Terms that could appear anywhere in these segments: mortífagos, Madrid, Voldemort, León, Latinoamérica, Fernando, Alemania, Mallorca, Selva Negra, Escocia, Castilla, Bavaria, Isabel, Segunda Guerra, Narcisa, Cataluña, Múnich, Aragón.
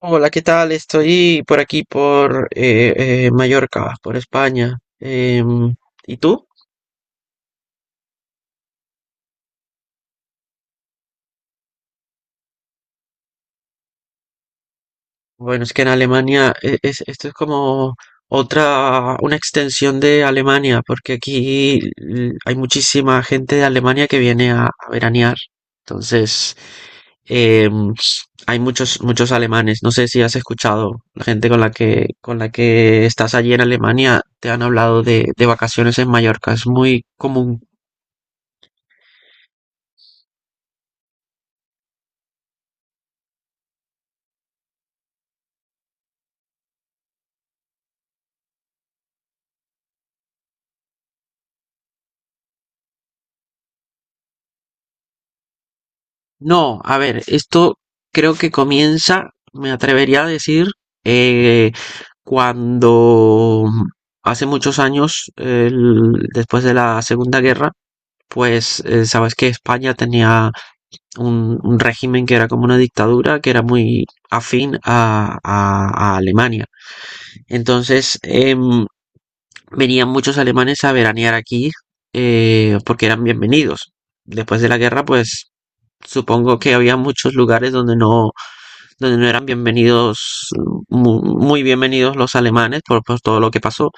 Hola, ¿qué tal? Estoy por aquí, por Mallorca, por España. ¿Y tú? Bueno, es que en Alemania esto es como otra, una extensión de Alemania, porque aquí hay muchísima gente de Alemania que viene a veranear. Entonces, em, hay muchos alemanes. No sé si has escuchado la gente con con la que estás allí en Alemania, te han hablado de vacaciones en Mallorca. Es muy común. No, a ver, esto creo que comienza, me atrevería a decir, eh, cuando hace muchos años, después de la Segunda Guerra, pues sabes que España tenía un régimen que era como una dictadura, que era muy afín a Alemania. Entonces venían muchos alemanes a veranear aquí, porque eran bienvenidos. Después de la guerra, pues supongo que había muchos lugares donde no eran bienvenidos, muy bienvenidos los alemanes por todo lo que pasó.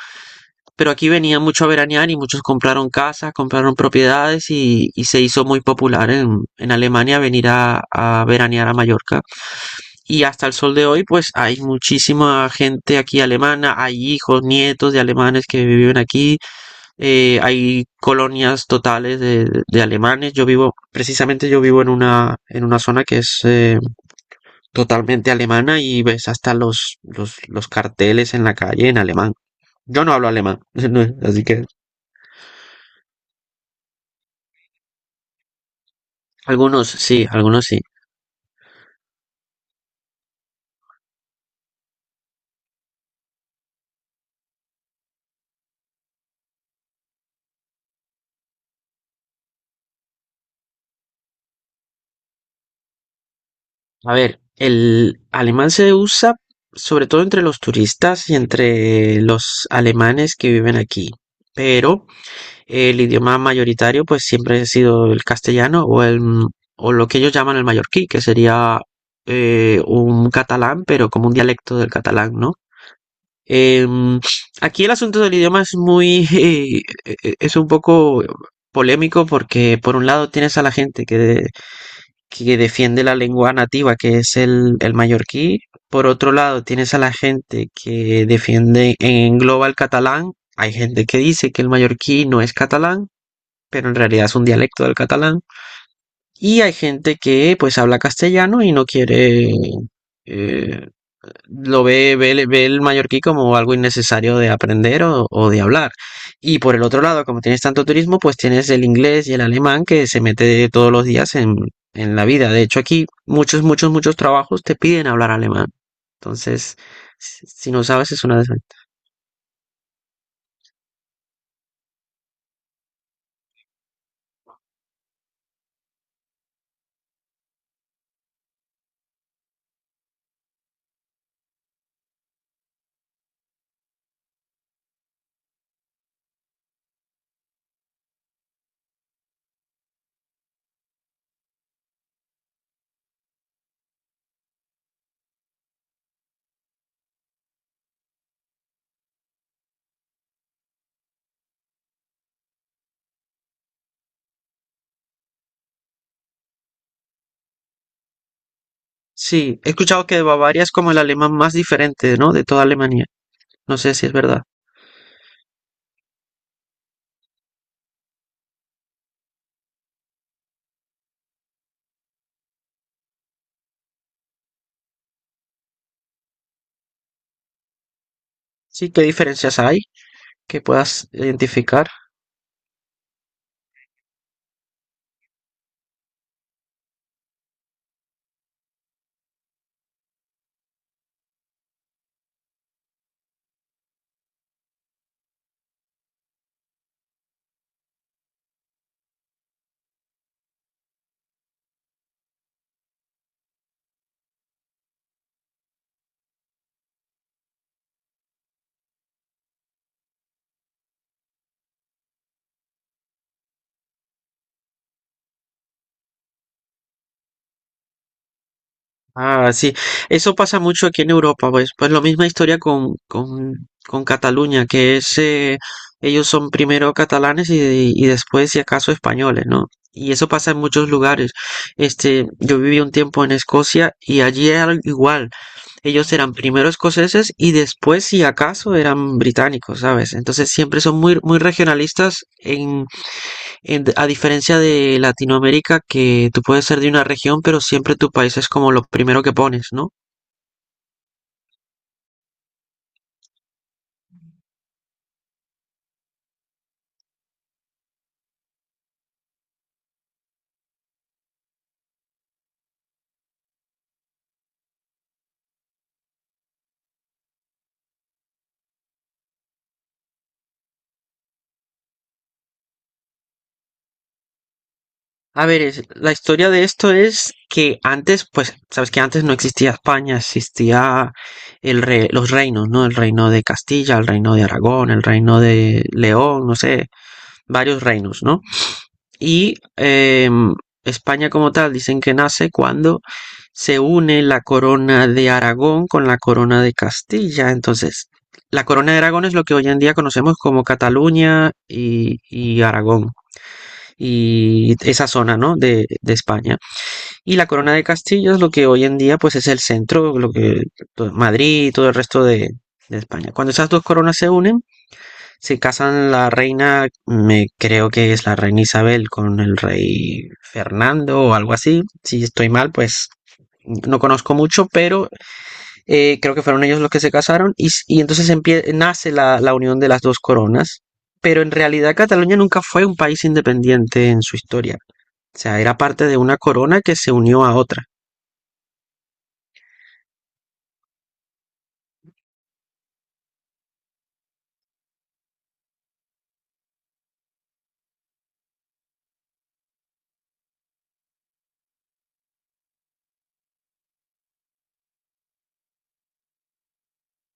Pero aquí venían mucho a veranear y muchos compraron casas, compraron propiedades y se hizo muy popular en Alemania venir a veranear a Mallorca. Y hasta el sol de hoy, pues hay muchísima gente aquí alemana, hay hijos, nietos de alemanes que viven aquí. Hay colonias totales de alemanes. Yo vivo, precisamente yo vivo en una zona que es totalmente alemana y ves hasta los carteles en la calle en alemán. Yo no hablo alemán, así que algunos sí, algunos sí. A ver, el alemán se usa sobre todo entre los turistas y entre los alemanes que viven aquí. Pero el idioma mayoritario pues siempre ha sido el castellano o lo que ellos llaman el mallorquí, que sería un catalán, pero como un dialecto del catalán, ¿no? Em, Aquí el asunto del idioma es muy, es un poco polémico porque por un lado tienes a la gente que defiende la lengua nativa, que es el mallorquí, por otro lado tienes a la gente que defiende en global catalán, hay gente que dice que el mallorquí no es catalán, pero en realidad es un dialecto del catalán, y hay gente que pues habla castellano y no quiere... eh, lo ve el mallorquí como algo innecesario de aprender o de hablar. Y por el otro lado, como tienes tanto turismo, pues tienes el inglés y el alemán que se mete todos los días en la vida. De hecho, aquí muchos trabajos te piden hablar alemán. Entonces, si no sabes, es una desventaja. Sí, he escuchado que Bavaria es como el alemán más diferente, ¿no? De toda Alemania. No sé si es verdad. Sí, ¿qué diferencias hay que puedas identificar? Ah, sí, eso pasa mucho aquí en Europa, pues, pues la misma historia con Cataluña, que es, ellos son primero catalanes y después, si acaso, españoles, ¿no? Y eso pasa en muchos lugares. Este, yo viví un tiempo en Escocia y allí era igual. Ellos eran primero escoceses y después, si acaso, eran británicos, ¿sabes? Entonces siempre son muy, muy regionalistas a diferencia de Latinoamérica, que tú puedes ser de una región, pero siempre tu país es como lo primero que pones, ¿no? A ver, la historia de esto es que antes, pues, sabes que antes no existía España, existía los reinos, ¿no? El reino de Castilla, el reino de Aragón, el reino de León, no sé, varios reinos, ¿no? Y eh, España como tal dicen que nace cuando se une la corona de Aragón con la corona de Castilla. Entonces, la corona de Aragón es lo que hoy en día conocemos como Cataluña y Aragón y esa zona, ¿no? De España. Y la corona de Castilla es lo que hoy en día pues es el centro, lo que pues, Madrid y todo el resto de España. Cuando esas dos coronas se unen, se casan la reina, me creo que es la reina Isabel con el rey Fernando o algo así. Si estoy mal, pues no conozco mucho, pero creo que fueron ellos los que se casaron y entonces nace la unión de las dos coronas. Pero en realidad Cataluña nunca fue un país independiente en su historia. O sea, era parte de una corona que se unió a otra.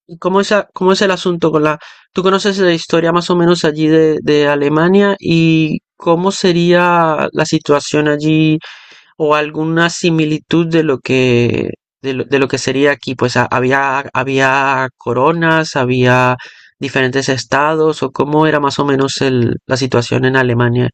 ¿Y cómo es, cómo es el asunto con la... Tú conoces la historia más o menos allí de Alemania y cómo sería la situación allí o alguna similitud de lo que, de lo que sería aquí. Pues había coronas, había diferentes estados o cómo era más o menos la situación en Alemania.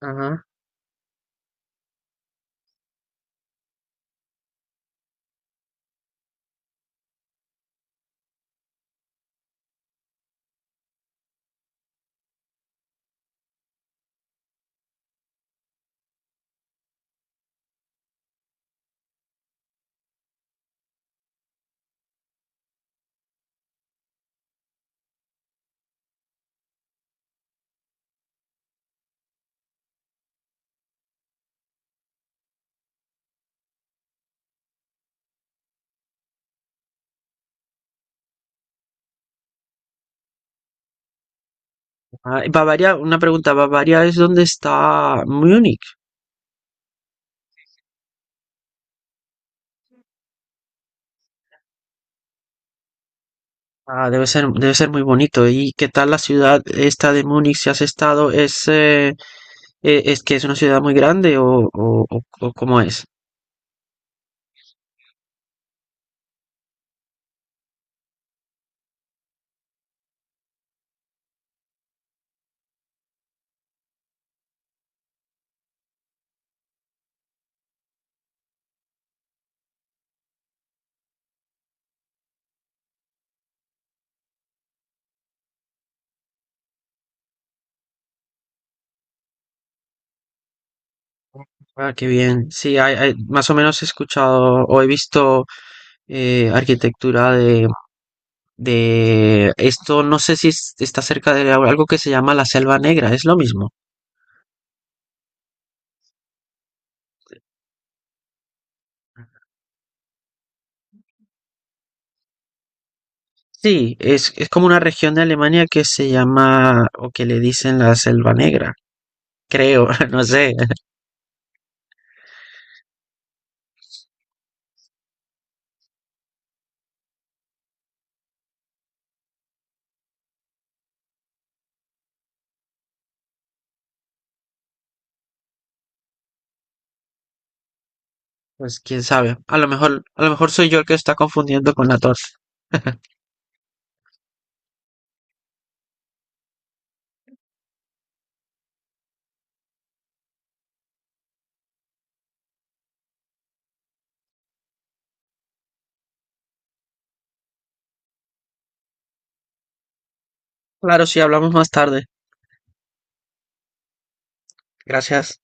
Ajá. Ah, Bavaria, una pregunta, ¿Bavaria es donde está Múnich? Ah, debe ser muy bonito. ¿Y qué tal la ciudad esta de Múnich si has estado? Es que es una ciudad muy grande o, o cómo es? Ah, qué bien. Sí, más o menos he escuchado o he visto arquitectura de esto, no sé si está cerca de algo que se llama la Selva Negra, es lo mismo. Sí, es como una región de Alemania que se llama o que le dicen la Selva Negra, creo, no sé. Pues quién sabe, a lo mejor soy yo el que está confundiendo con la torta. Claro, sí, hablamos más tarde. Gracias.